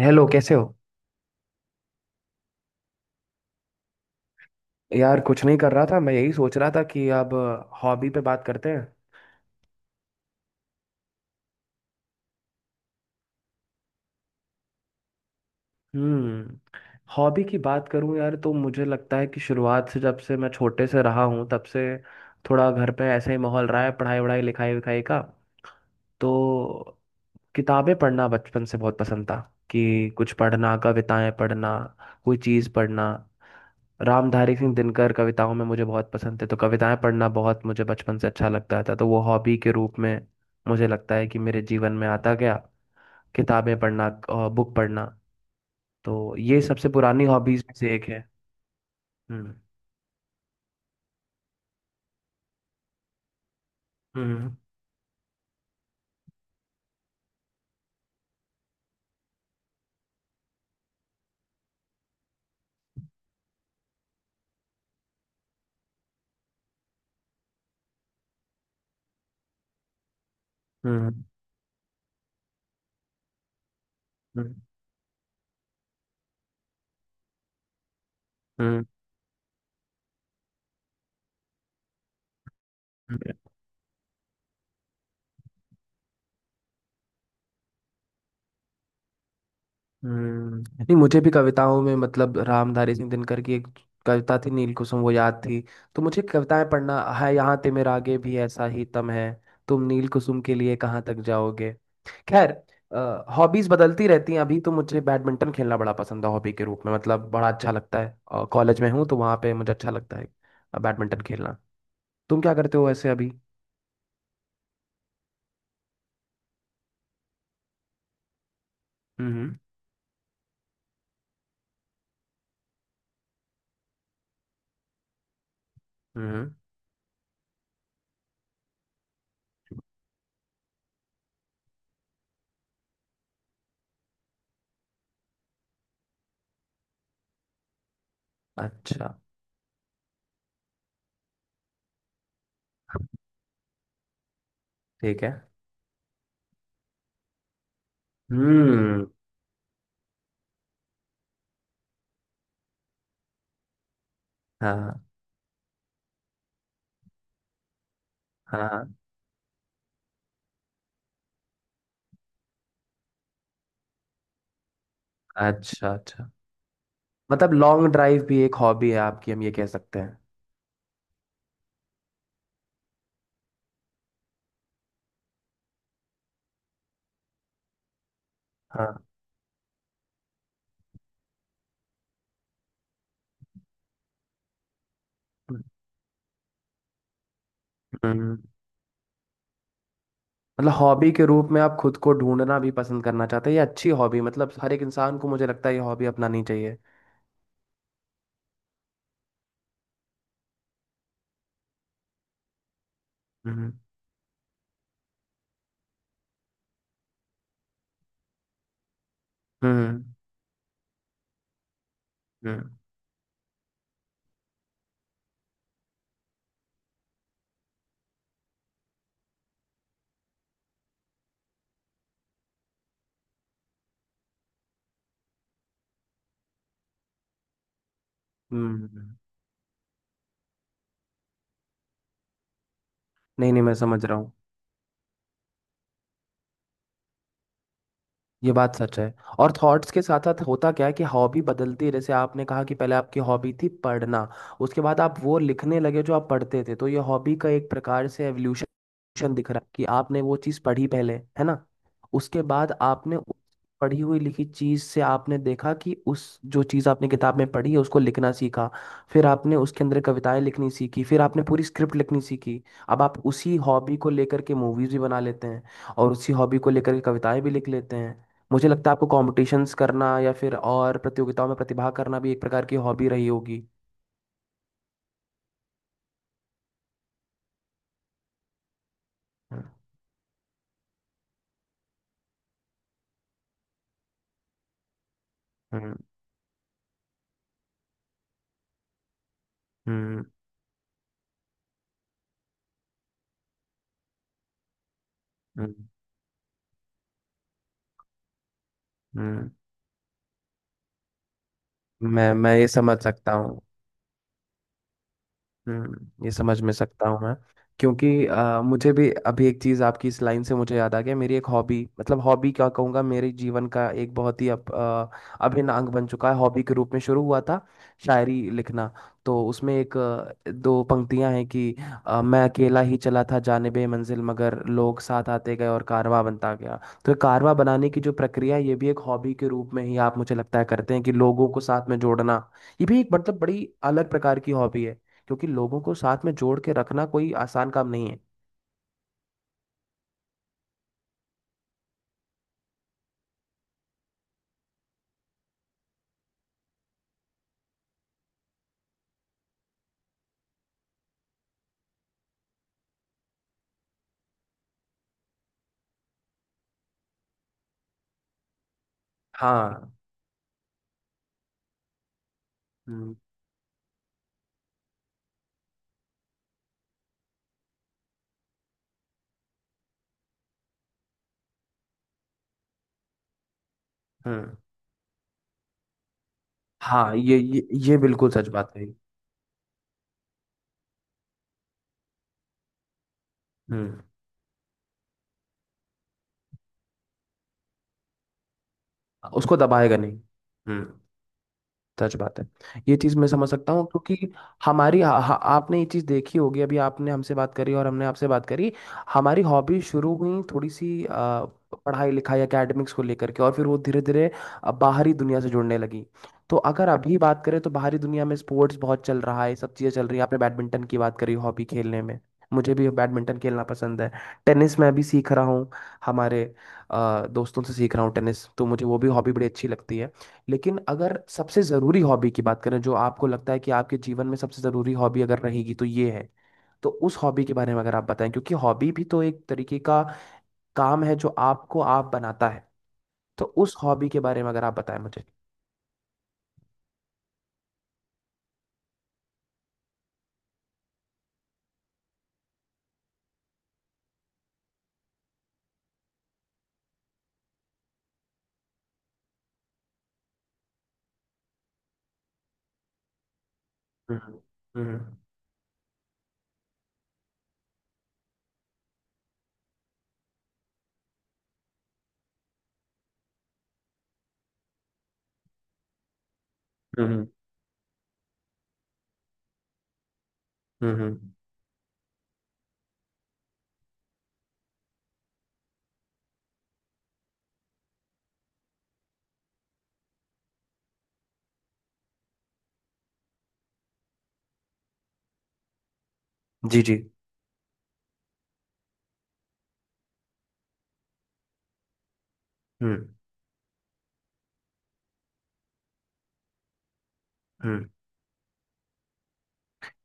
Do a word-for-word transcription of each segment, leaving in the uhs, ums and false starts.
Hello, कैसे हो। यार कुछ नहीं कर रहा था, मैं यही सोच रहा था कि अब हॉबी पे बात करते हैं। हम्म हॉबी की बात करूं यार, तो मुझे लगता है कि शुरुआत से जब से मैं छोटे से रहा हूं तब से थोड़ा घर पे ऐसा ही माहौल रहा है पढ़ाई वढ़ाई लिखाई विखाई का। तो किताबें पढ़ना बचपन से बहुत पसंद था। कि कुछ पढ़ना, कविताएं पढ़ना, कोई चीज़ पढ़ना। रामधारी सिंह दिनकर कविताओं में मुझे बहुत पसंद थे, तो कविताएं पढ़ना बहुत मुझे बचपन से अच्छा लगता था। तो वो हॉबी के रूप में मुझे लगता है कि मेरे जीवन में आता गया। किताबें पढ़ना, बुक पढ़ना। तो ये सबसे पुरानी हॉबीज में से एक है। हम्म हम्म। हम्म। हम्म। हम्म। हम्म। हम्म। नहीं, मुझे भी कविताओं में मतलब रामधारी सिंह दिनकर की एक कविता थी नीलकुसुम, वो याद थी। तो मुझे कविताएं पढ़ना है यहाँ ते मेरा आगे भी ऐसा ही तम है। तुम नीलकुसुम के लिए कहाँ तक जाओगे। खैर, हॉबीज बदलती रहती हैं। अभी तो मुझे बैडमिंटन खेलना बड़ा पसंद है हॉबी के रूप में, मतलब बड़ा अच्छा लगता है, और कॉलेज में हूँ तो वहाँ पे मुझे अच्छा लगता है अ, बैडमिंटन खेलना। तुम क्या करते हो वैसे अभी। हम्म। हम्म। अच्छा। ठीक है। हम्म। हाँ। हाँ, हाँ, अच्छा अच्छा। मतलब लॉन्ग ड्राइव भी एक हॉबी है आपकी, हम ये कह सकते हैं। हाँ। हम्म। मतलब हॉबी के रूप में आप खुद को ढूंढना भी पसंद करना चाहते हैं, ये अच्छी हॉबी, मतलब हर एक इंसान को मुझे लगता है ये हॉबी अपनानी चाहिए। हम्म। हम्म। हम्म। हम्म। हम्म। हम्म। हम्म। नहीं नहीं, मैं समझ रहा हूँ। ये बात सच है। और थॉट्स के साथ साथ होता क्या है कि हॉबी बदलती है। जैसे आपने कहा कि पहले आपकी हॉबी थी पढ़ना, उसके बाद आप वो लिखने लगे जो आप पढ़ते थे। तो ये हॉबी का एक प्रकार से एवोल्यूशन दिख रहा है कि आपने वो चीज़ पढ़ी पहले, है ना। उसके बाद आपने उस पढ़ी हुई लिखी चीज़ से आपने देखा कि उस जो चीज़ आपने किताब में पढ़ी है उसको लिखना सीखा। फिर आपने उसके अंदर कविताएं लिखनी सीखी, फिर आपने पूरी स्क्रिप्ट लिखनी सीखी। अब आप उसी हॉबी को लेकर के मूवीज़ भी बना लेते हैं, और उसी हॉबी को लेकर के कविताएं भी लिख लेते हैं। मुझे लगता है आपको कॉम्पिटिशन्स करना या फिर और प्रतियोगिताओं में प्रतिभाग करना भी एक प्रकार की हॉबी रही होगी। हम्म। हम्म। हम्म। हम्म। हम्म। मैं मैं ये समझ सकता हूँ। हम्म। ये समझ में सकता हूँ मैं। क्योंकि अ, मुझे भी अभी एक चीज़ आपकी इस लाइन से मुझे याद आ गया। मेरी एक हॉबी, मतलब हॉबी क्या कहूँगा, मेरे जीवन का एक बहुत ही अब अ, अभिन्न अंग बन चुका है हॉबी के रूप में, शुरू हुआ था शायरी लिखना। तो उसमें एक अ, दो पंक्तियाँ हैं कि अ, मैं अकेला ही चला था जानिबे मंजिल, मगर लोग साथ आते गए और कारवां बनता गया। तो ये कारवां बनाने की जो प्रक्रिया है, ये भी एक हॉबी के रूप में ही आप मुझे लगता है करते हैं कि लोगों को साथ में जोड़ना, ये भी एक मतलब बड़ी अलग प्रकार की हॉबी है। क्योंकि लोगों को साथ में जोड़ के रखना कोई आसान काम नहीं है। हाँ। हम्म। हम्म। हाँ, ये ये ये बिल्कुल सच बात है। हम्म। उसको दबाएगा नहीं। हम्म। सच बात है। ये चीज मैं समझ सकता हूँ, क्योंकि हमारी हा, हा, आपने ये चीज देखी होगी। अभी आपने हमसे बात करी और हमने आपसे बात करी। हमारी हॉबी शुरू हुई थोड़ी सी अ, पढ़ाई लिखाई एकेडमिक्स को लेकर के, और फिर वो धीरे धीरे अ, बाहरी दुनिया से जुड़ने लगी। तो अगर अभी बात करें तो बाहरी दुनिया में स्पोर्ट्स बहुत चल रहा है, ये सब चीज़ें चल रही है। आपने बैडमिंटन की बात करी हॉबी खेलने में, मुझे भी बैडमिंटन खेलना पसंद है। टेनिस मैं भी सीख रहा हूँ, हमारे अ, दोस्तों से सीख रहा हूँ टेनिस। तो मुझे वो भी हॉबी बड़ी अच्छी लगती है। लेकिन अगर सबसे जरूरी हॉबी की बात करें, जो आपको लगता है कि आपके जीवन में सबसे जरूरी हॉबी अगर रहेगी तो ये है, तो उस हॉबी के बारे में अगर आप बताएं, क्योंकि हॉबी भी तो एक तरीके का काम है जो आपको आप बनाता है। तो उस हॉबी के बारे में अगर आप बताएं मुझे। हम्म। हम्म। हम्म। हम्म। हम्म। जी जी। हम्म। हम्म।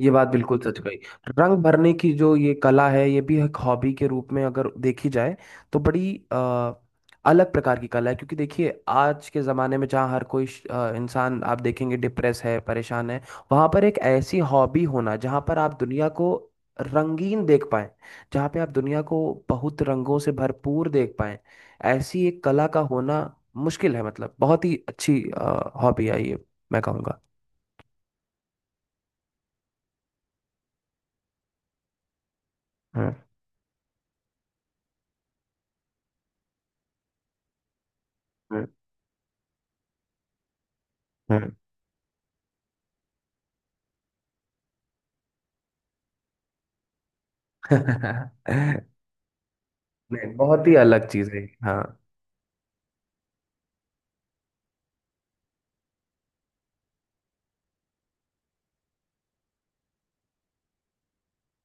ये बात बिल्कुल सच कही। रंग भरने की जो ये कला है, ये भी एक हॉबी के रूप में अगर देखी जाए तो बड़ी अ, अलग प्रकार की कला है। क्योंकि देखिए आज के ज़माने में जहाँ हर कोई श- अ, इंसान आप देखेंगे डिप्रेस है, परेशान है, वहाँ पर एक ऐसी हॉबी होना जहाँ पर आप दुनिया को रंगीन देख पाएं, जहाँ पे आप दुनिया को बहुत रंगों से भरपूर देख पाएं, ऐसी एक कला का होना मुश्किल है। मतलब बहुत ही अच्छी हॉबी है ये, मैं कहूँगा। हम्म। हम्म। हम्म। नहीं, बहुत ही अलग चीज है। हाँ।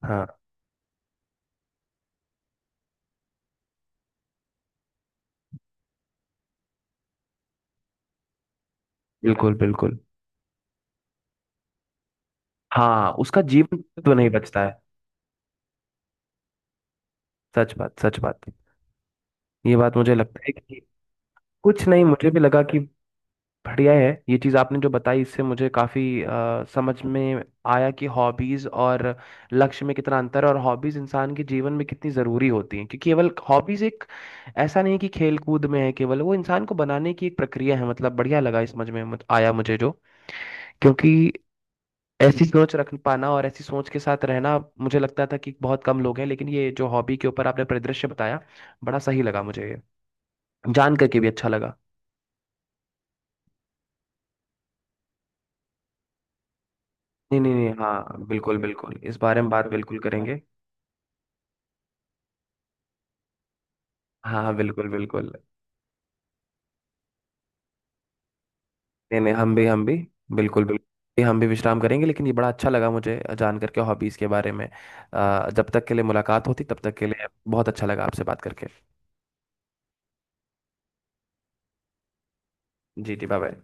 हाँ, बिल्कुल बिल्कुल। हाँ, उसका जीवन तो नहीं बचता है। सच बात, सच बात। ये बात मुझे लगता है कि कुछ नहीं, मुझे भी लगा कि बढ़िया है। ये चीज़ आपने जो बताई इससे मुझे काफ़ी समझ में आया कि हॉबीज़ और लक्ष्य में कितना अंतर है, और हॉबीज़ इंसान के जीवन में कितनी ज़रूरी होती हैं। क्योंकि केवल हॉबीज़ एक ऐसा नहीं है कि खेल कूद में है केवल, वो इंसान को बनाने की एक प्रक्रिया है। मतलब बढ़िया लगा इस समझ में मत- आया मुझे जो। क्योंकि ऐसी सोच रख पाना और ऐसी सोच के साथ रहना मुझे लगता था कि बहुत कम लोग हैं, लेकिन ये जो हॉबी के ऊपर आपने परिदृश्य बताया बड़ा सही लगा मुझे, ये जान करके भी अच्छा लगा। नहीं नहीं नहीं, हाँ बिल्कुल बिल्कुल, इस बारे में बात बिल्कुल करेंगे। हाँ हाँ, बिल्कुल बिल्कुल। नहीं नहीं, हम भी हम भी बिल्कुल बिल्कुल, हम भी विश्राम करेंगे। लेकिन ये बड़ा अच्छा लगा मुझे जान करके हॉबीज़ के बारे में। अ, जब तक के लिए मुलाकात होती तब तक के लिए बहुत अच्छा लगा आपसे बात करके। जी जी बाय बाय।